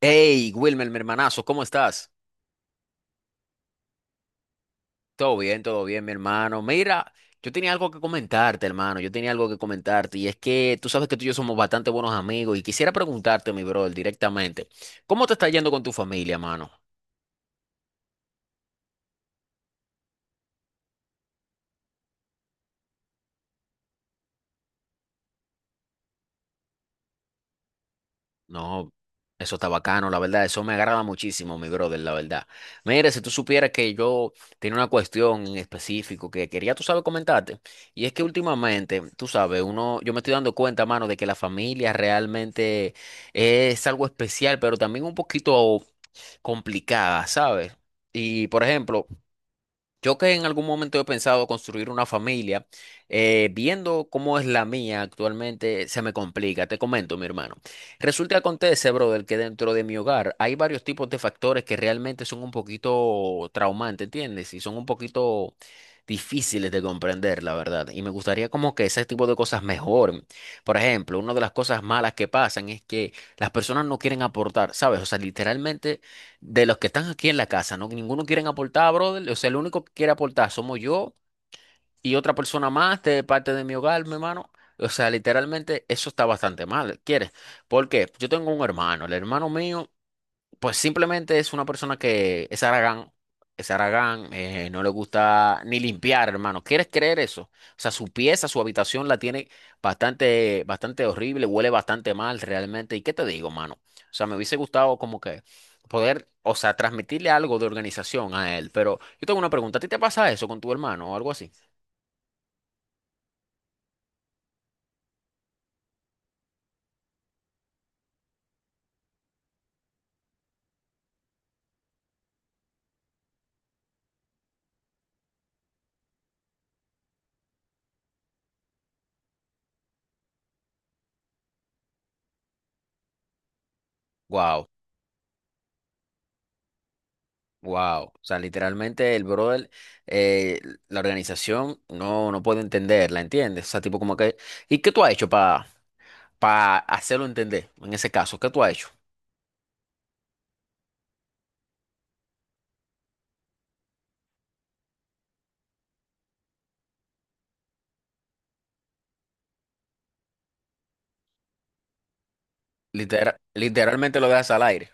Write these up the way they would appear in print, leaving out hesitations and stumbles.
Hey, Wilmer, mi hermanazo, ¿cómo estás? Todo bien, mi hermano. Mira, yo tenía algo que comentarte, hermano. Yo tenía algo que comentarte. Y es que tú sabes que tú y yo somos bastante buenos amigos. Y quisiera preguntarte, mi brother, directamente, ¿cómo te está yendo con tu familia, mano? No, eso está bacano, la verdad, eso me agrada muchísimo, mi brother, la verdad. Mire, si tú supieras que yo tenía una cuestión en específico que quería, tú sabes, comentarte, y es que últimamente, tú sabes, uno, yo me estoy dando cuenta, mano, de que la familia realmente es algo especial, pero también un poquito complicada, ¿sabes? Y, por ejemplo, yo que en algún momento he pensado construir una familia, viendo cómo es la mía actualmente, se me complica. Te comento, mi hermano. Resulta que acontece, brother, que dentro de mi hogar hay varios tipos de factores que realmente son un poquito traumantes, ¿entiendes? Y son un poquito difíciles de comprender, la verdad. Y me gustaría como que ese tipo de cosas mejoren. Por ejemplo, una de las cosas malas que pasan es que las personas no quieren aportar, ¿sabes? O sea, literalmente de los que están aquí en la casa, ¿no? Ninguno quieren aportar, brother. O sea, el único que quiere aportar somos yo y otra persona más de parte de mi hogar, mi hermano. O sea, literalmente eso está bastante mal, ¿quieres? Porque yo tengo un hermano, el hermano mío. Pues simplemente es una persona que es aragán, no le gusta ni limpiar, hermano. ¿Quieres creer eso? O sea, su pieza, su habitación la tiene bastante, bastante horrible, huele bastante mal realmente. ¿Y qué te digo, mano? O sea, me hubiese gustado como que poder, o sea, transmitirle algo de organización a él. Pero yo tengo una pregunta, ¿a ti te pasa eso con tu hermano o algo así? Wow, wow. O sea, literalmente el brother, eh, la organización no, no puede entenderla, ¿entiendes? O sea, tipo como que... ¿Y qué tú has hecho para hacerlo entender? En ese caso, ¿qué tú has hecho? Literalmente lo dejas al aire.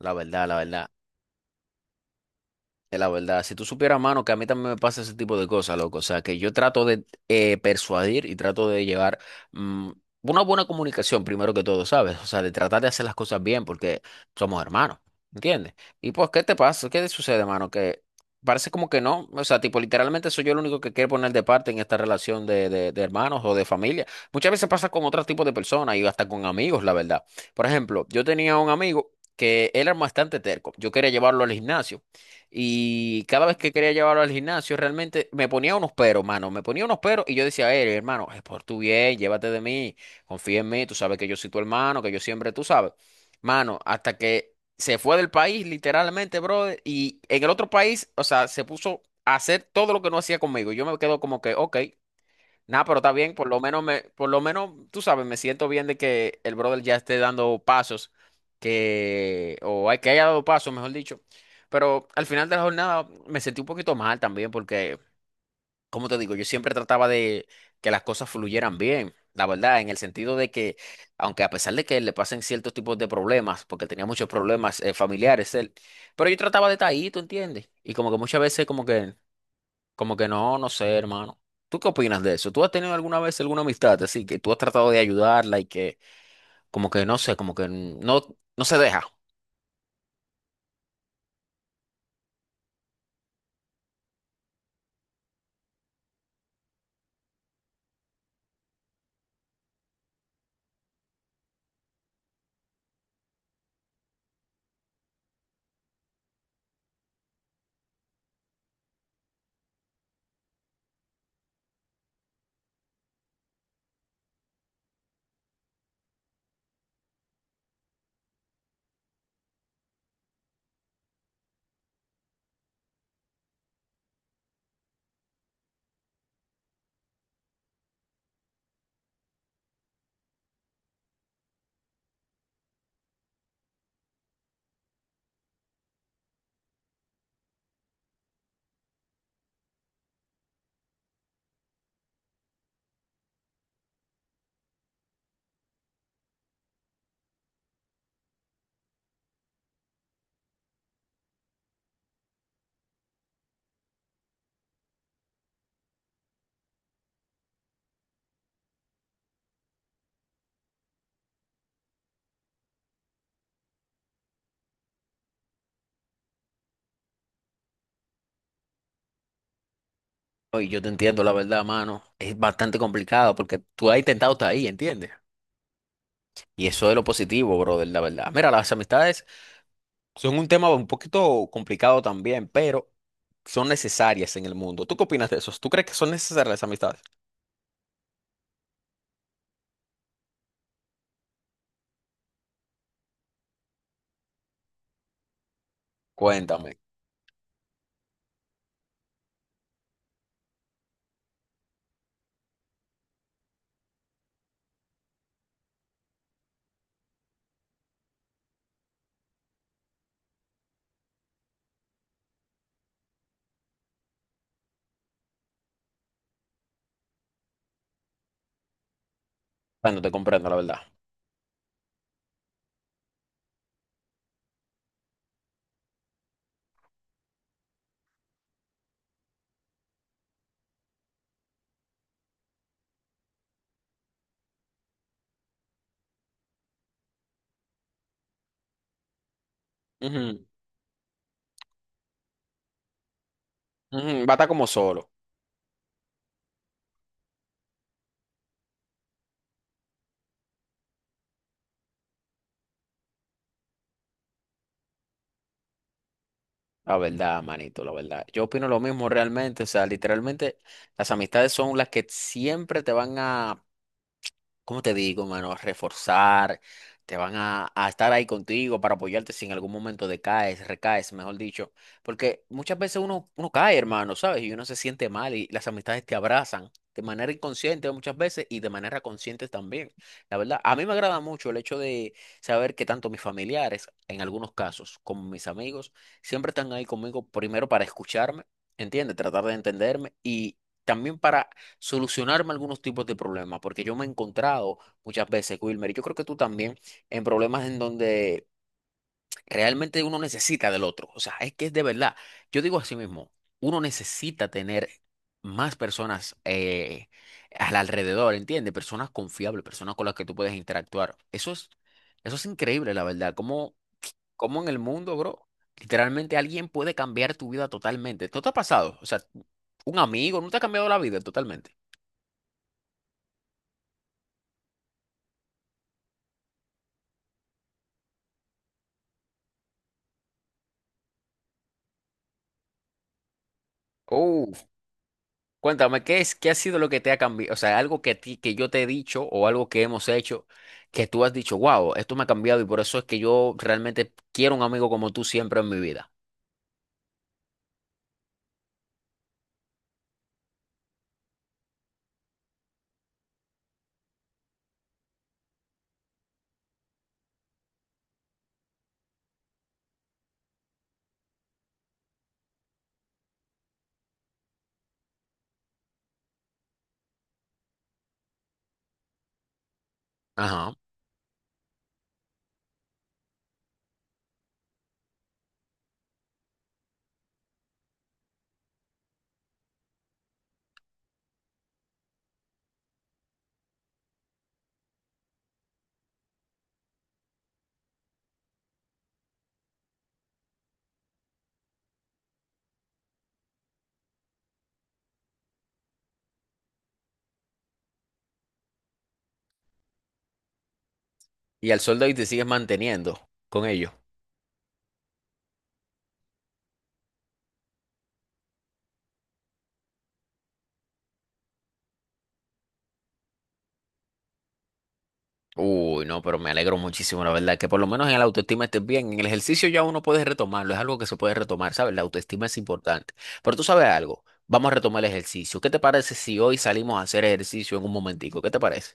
La verdad, la verdad. Es la verdad, si tú supieras, mano, que a mí también me pasa ese tipo de cosas, loco. O sea, que yo trato de persuadir y trato de llevar mm, una buena comunicación, primero que todo, ¿sabes? O sea, de tratar de hacer las cosas bien porque somos hermanos, ¿entiendes? Y pues, ¿qué te pasa? ¿Qué te sucede, mano? Que parece como que no. O sea, tipo, literalmente soy yo el único que quiere poner de parte en esta relación de hermanos o de familia. Muchas veces pasa con otros tipos de personas y hasta con amigos, la verdad. Por ejemplo, yo tenía un amigo que él era bastante terco. Yo quería llevarlo al gimnasio. Y cada vez que quería llevarlo al gimnasio, realmente me ponía unos peros, mano. Me ponía unos peros y yo decía, a hermano, es por tu bien, llévate de mí, confía en mí, tú sabes que yo soy tu hermano, que yo siempre, tú sabes. Mano, hasta que se fue del país, literalmente, brother, y en el otro país, o sea, se puso a hacer todo lo que no hacía conmigo. Yo me quedo como que, ok. Nada, pero está bien, por lo menos me, por lo menos, tú sabes, me siento bien de que el brother ya esté dando pasos, que, que haya dado pasos, mejor dicho. Pero al final de la jornada me sentí un poquito mal también, porque, como te digo, yo siempre trataba de que las cosas fluyeran bien, la verdad, en el sentido de que, aunque a pesar de que le pasen ciertos tipos de problemas, porque tenía muchos problemas familiares él, pero yo trataba de estar ahí, ¿tú entiendes? Y como que muchas veces como que no, no sé, hermano. ¿Tú qué opinas de eso? ¿Tú has tenido alguna vez alguna amistad así que tú has tratado de ayudarla y que como que no sé, como que no, no se deja? Oye, yo te entiendo, la verdad, mano. Es bastante complicado porque tú has intentado estar ahí, ¿entiendes? Y eso es lo positivo, brother, la verdad. Mira, las amistades son un tema un poquito complicado también, pero son necesarias en el mundo. ¿Tú qué opinas de eso? ¿Tú crees que son necesarias las amistades? Cuéntame. Cuando te comprendo, la verdad. Ujú, ujú, va a estar como solo. La verdad, manito, la verdad. Yo opino lo mismo realmente. O sea, literalmente las amistades son las que siempre te van a... ¿Cómo te digo, mano? Reforzar, te van a estar ahí contigo para apoyarte si en algún momento decaes, recaes, mejor dicho. Porque muchas veces uno cae, hermano, ¿sabes? Y uno se siente mal y las amistades te abrazan de manera inconsciente muchas veces y de manera consciente también. La verdad, a mí me agrada mucho el hecho de saber que tanto mis familiares, en algunos casos, como mis amigos, siempre están ahí conmigo primero para escucharme, ¿entiendes? Tratar de entenderme y también para solucionarme algunos tipos de problemas, porque yo me he encontrado muchas veces, Wilmer, y yo creo que tú también, en problemas en donde realmente uno necesita del otro. O sea, es que es de verdad. Yo digo así mismo, uno necesita tener más personas al alrededor, ¿entiendes? Personas confiables, personas con las que tú puedes interactuar. Eso es increíble, la verdad. Como ¿Cómo en el mundo, bro, literalmente alguien puede cambiar tu vida totalmente? ¿Esto te ha pasado? O sea, un amigo no te ha cambiado la vida totalmente. Cuéntame, ¿qué es, qué ha sido lo que te ha cambiado? O sea, algo que a ti, que yo te he dicho o algo que hemos hecho que tú has dicho, wow, esto me ha cambiado y por eso es que yo realmente quiero un amigo como tú siempre en mi vida. Ajá. Y al sol de hoy te sigues manteniendo con ellos. Uy, no, pero me alegro muchísimo, la verdad, que por lo menos en la autoestima estés bien. En el ejercicio ya uno puede retomarlo, es algo que se puede retomar, ¿sabes? La autoestima es importante. Pero tú sabes algo, vamos a retomar el ejercicio. ¿Qué te parece si hoy salimos a hacer ejercicio en un momentico? ¿Qué te parece?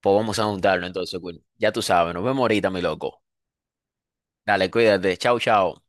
Pues vamos a juntarlo entonces, Will. Ya tú sabes, nos vemos ahorita, mi loco. Dale, cuídate. Chao, chao.